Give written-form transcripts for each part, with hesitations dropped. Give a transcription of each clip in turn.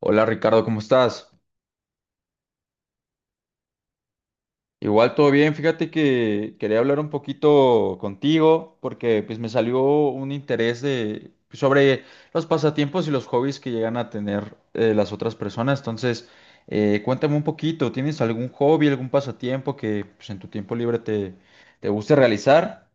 Hola Ricardo, ¿cómo estás? Igual todo bien, fíjate que quería hablar un poquito contigo porque pues me salió un interés de pues, sobre los pasatiempos y los hobbies que llegan a tener las otras personas. Entonces, cuéntame un poquito, ¿tienes algún hobby, algún pasatiempo que pues, en tu tiempo libre te guste realizar?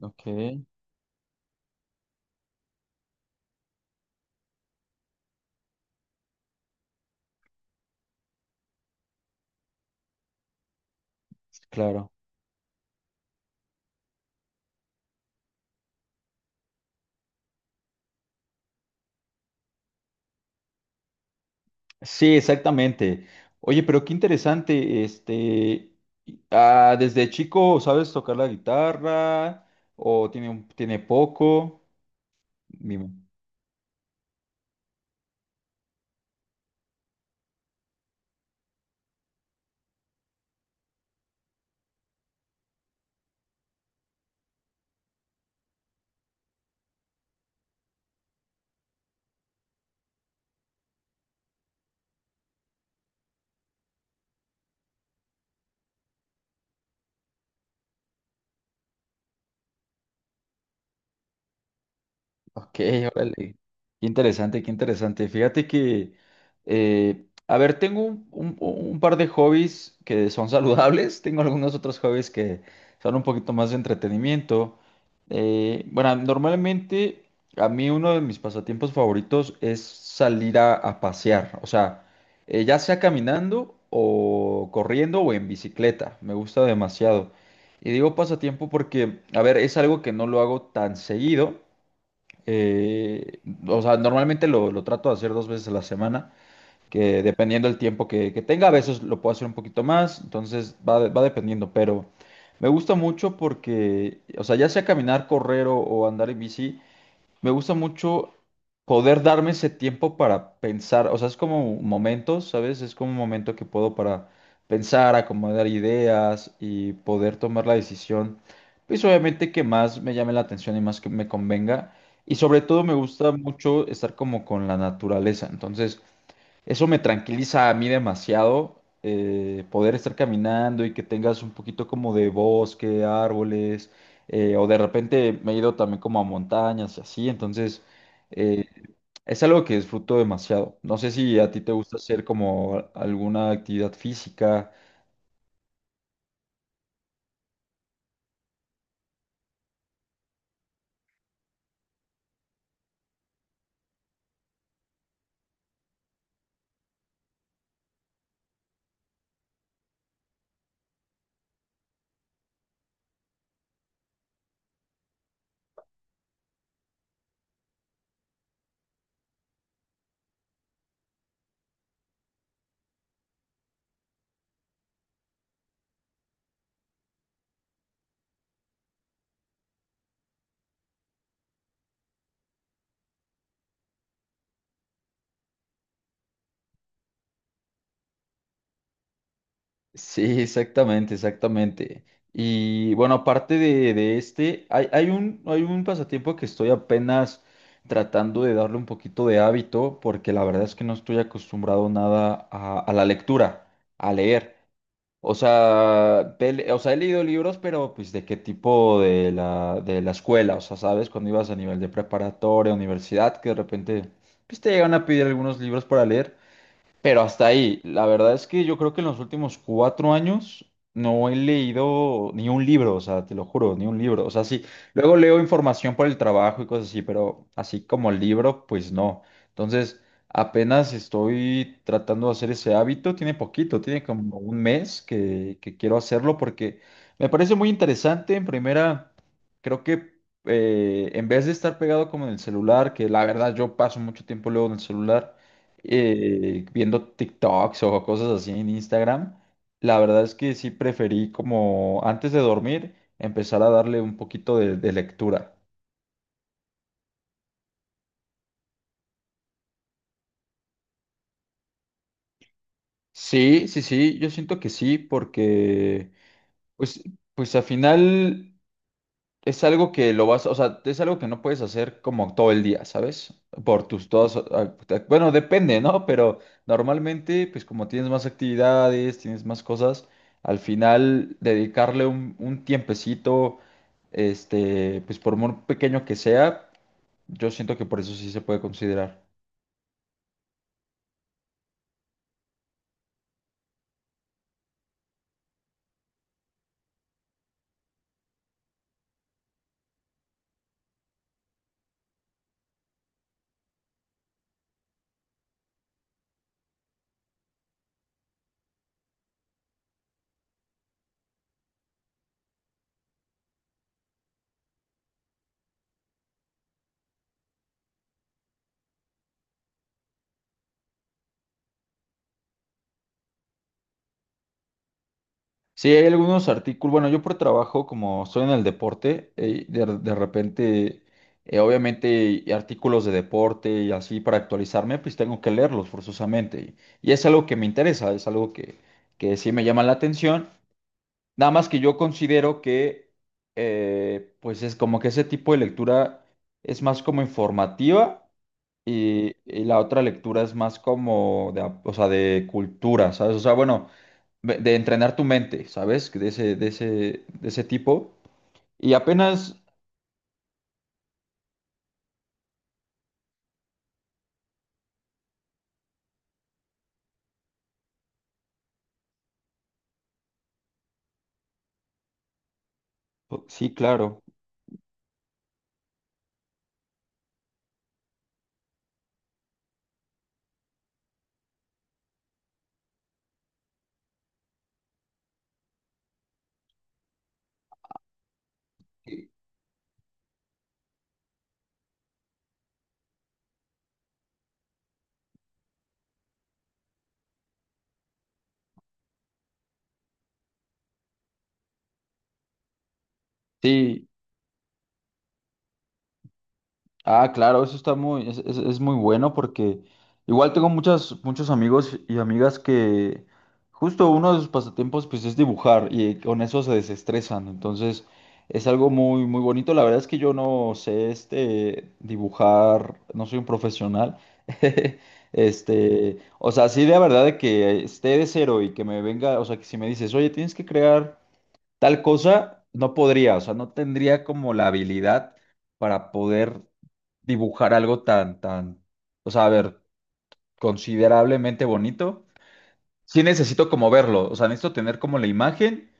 Ok, claro. Sí, exactamente. Oye, pero qué interesante, este, desde chico, ¿sabes tocar la guitarra? ¿O tiene, tiene poco? Dime. Ok, órale. Qué interesante, qué interesante. Fíjate que, a ver, tengo un par de hobbies que son saludables, tengo algunos otros hobbies que son un poquito más de entretenimiento. Bueno, normalmente a mí uno de mis pasatiempos favoritos es salir a pasear, o sea, ya sea caminando o corriendo o en bicicleta, me gusta demasiado. Y digo pasatiempo porque, a ver, es algo que no lo hago tan seguido. Eh, o sea, normalmente lo trato de hacer dos veces a la semana, que dependiendo del tiempo que tenga, a veces lo puedo hacer un poquito más, entonces va dependiendo, pero me gusta mucho porque, o sea, ya sea caminar, correr o andar en bici, me gusta mucho poder darme ese tiempo para pensar, o sea, es como momentos, ¿sabes? Es como un momento que puedo para pensar, acomodar ideas y poder tomar la decisión, pues obviamente que más me llame la atención y más que me convenga. Y sobre todo me gusta mucho estar como con la naturaleza. Entonces, eso me tranquiliza a mí demasiado, poder estar caminando y que tengas un poquito como de bosque, árboles, o de repente me he ido también como a montañas y así, entonces eh, es algo que disfruto demasiado. No sé si a ti te gusta hacer como alguna actividad física. Sí, exactamente, exactamente. Y bueno, aparte de este, hay un pasatiempo que estoy apenas tratando de darle un poquito de hábito, porque la verdad es que no estoy acostumbrado nada a la lectura, a leer. O sea, o sea, he leído libros, pero pues de qué tipo de la escuela, o sea, sabes, cuando ibas a nivel de preparatoria, universidad, que de repente pues, te llegan a pedir algunos libros para leer. Pero hasta ahí, la verdad es que yo creo que en los últimos cuatro años no he leído ni un libro, o sea, te lo juro, ni un libro. O sea, sí, luego leo información por el trabajo y cosas así, pero así como el libro, pues no. Entonces, apenas estoy tratando de hacer ese hábito, tiene poquito, tiene como un mes que quiero hacerlo porque me parece muy interesante. En primera, creo que en vez de estar pegado como en el celular, que la verdad yo paso mucho tiempo luego en el celular viendo TikToks o cosas así en Instagram, la verdad es que sí preferí como antes de dormir empezar a darle un poquito de lectura. Sí, sí, sí, yo siento que sí, porque pues, pues al final es algo que lo vas, o sea, es algo que no puedes hacer como todo el día, ¿sabes? Por tus todas, ah, bueno, depende, ¿no? Pero normalmente, pues como tienes más actividades, tienes más cosas, al final dedicarle un tiempecito, este, pues por muy pequeño que sea, yo siento que por eso sí se puede considerar. Sí, hay algunos artículos. Bueno, yo por trabajo, como estoy en el deporte, de repente, obviamente, y artículos de deporte y así para actualizarme, pues tengo que leerlos forzosamente. Y es algo que me interesa, es algo que sí me llama la atención. Nada más que yo considero que, pues es como que ese tipo de lectura es más como informativa y la otra lectura es más como de, o sea, de cultura, ¿sabes? O sea, bueno de entrenar tu mente, ¿sabes? De ese tipo. Y apenas, pues, sí, claro. Sí, ah, claro, eso está muy, es muy bueno porque igual tengo muchas, muchos amigos y amigas que justo uno de sus pasatiempos pues es dibujar y con eso se desestresan. Entonces es algo muy, muy bonito. La verdad es que yo no sé este dibujar, no soy un profesional. Este, o sea, sí de verdad de que esté de cero y que me venga, o sea, que si me dices, oye, tienes que crear. Tal cosa no podría, o sea, no tendría como la habilidad para poder dibujar algo tan, tan, o sea, a ver, considerablemente bonito. Sí necesito como verlo, o sea, necesito tener como la imagen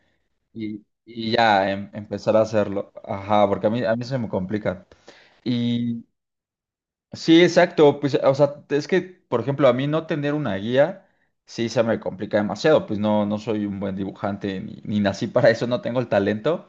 y ya empezar a hacerlo. Ajá, porque a mí se me complica. Y sí, exacto, pues, o sea, es que, por ejemplo, a mí no tener una guía, sí se me complica demasiado, pues no, no soy un buen dibujante, ni nací para eso, no tengo el talento.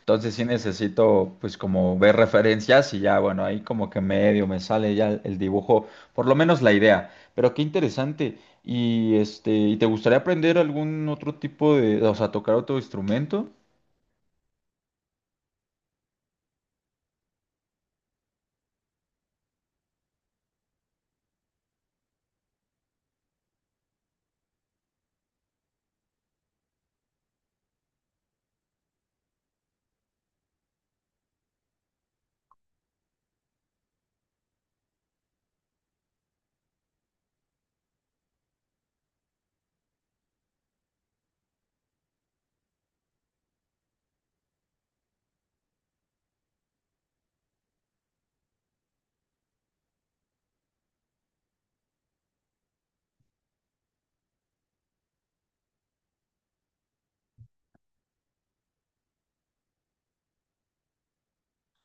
Entonces sí necesito pues como ver referencias y ya bueno, ahí como que medio me sale ya el dibujo, por lo menos la idea. Pero qué interesante. Y este, ¿y te gustaría aprender algún otro tipo de, o sea, tocar otro instrumento?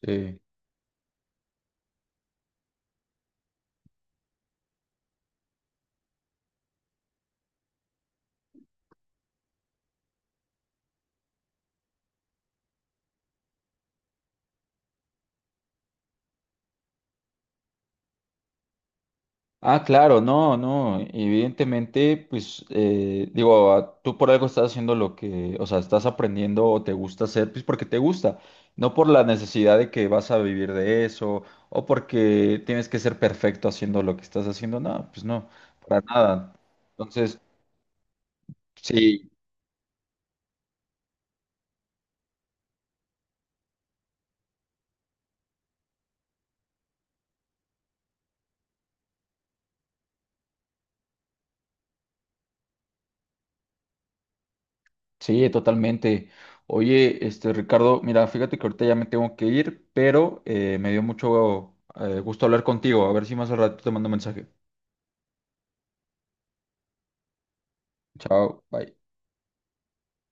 Sí. Ah, claro, no, no, evidentemente, pues, digo, ah, tú por algo estás haciendo lo que, o sea, estás aprendiendo o te gusta hacer, pues porque te gusta, no por la necesidad de que vas a vivir de eso o porque tienes que ser perfecto haciendo lo que estás haciendo, no, pues no, para nada. Entonces, sí, sí, totalmente. Oye, este, Ricardo, mira, fíjate que ahorita ya me tengo que ir, pero me dio mucho gusto hablar contigo, a ver si más al rato te mando un mensaje. Chao, bye.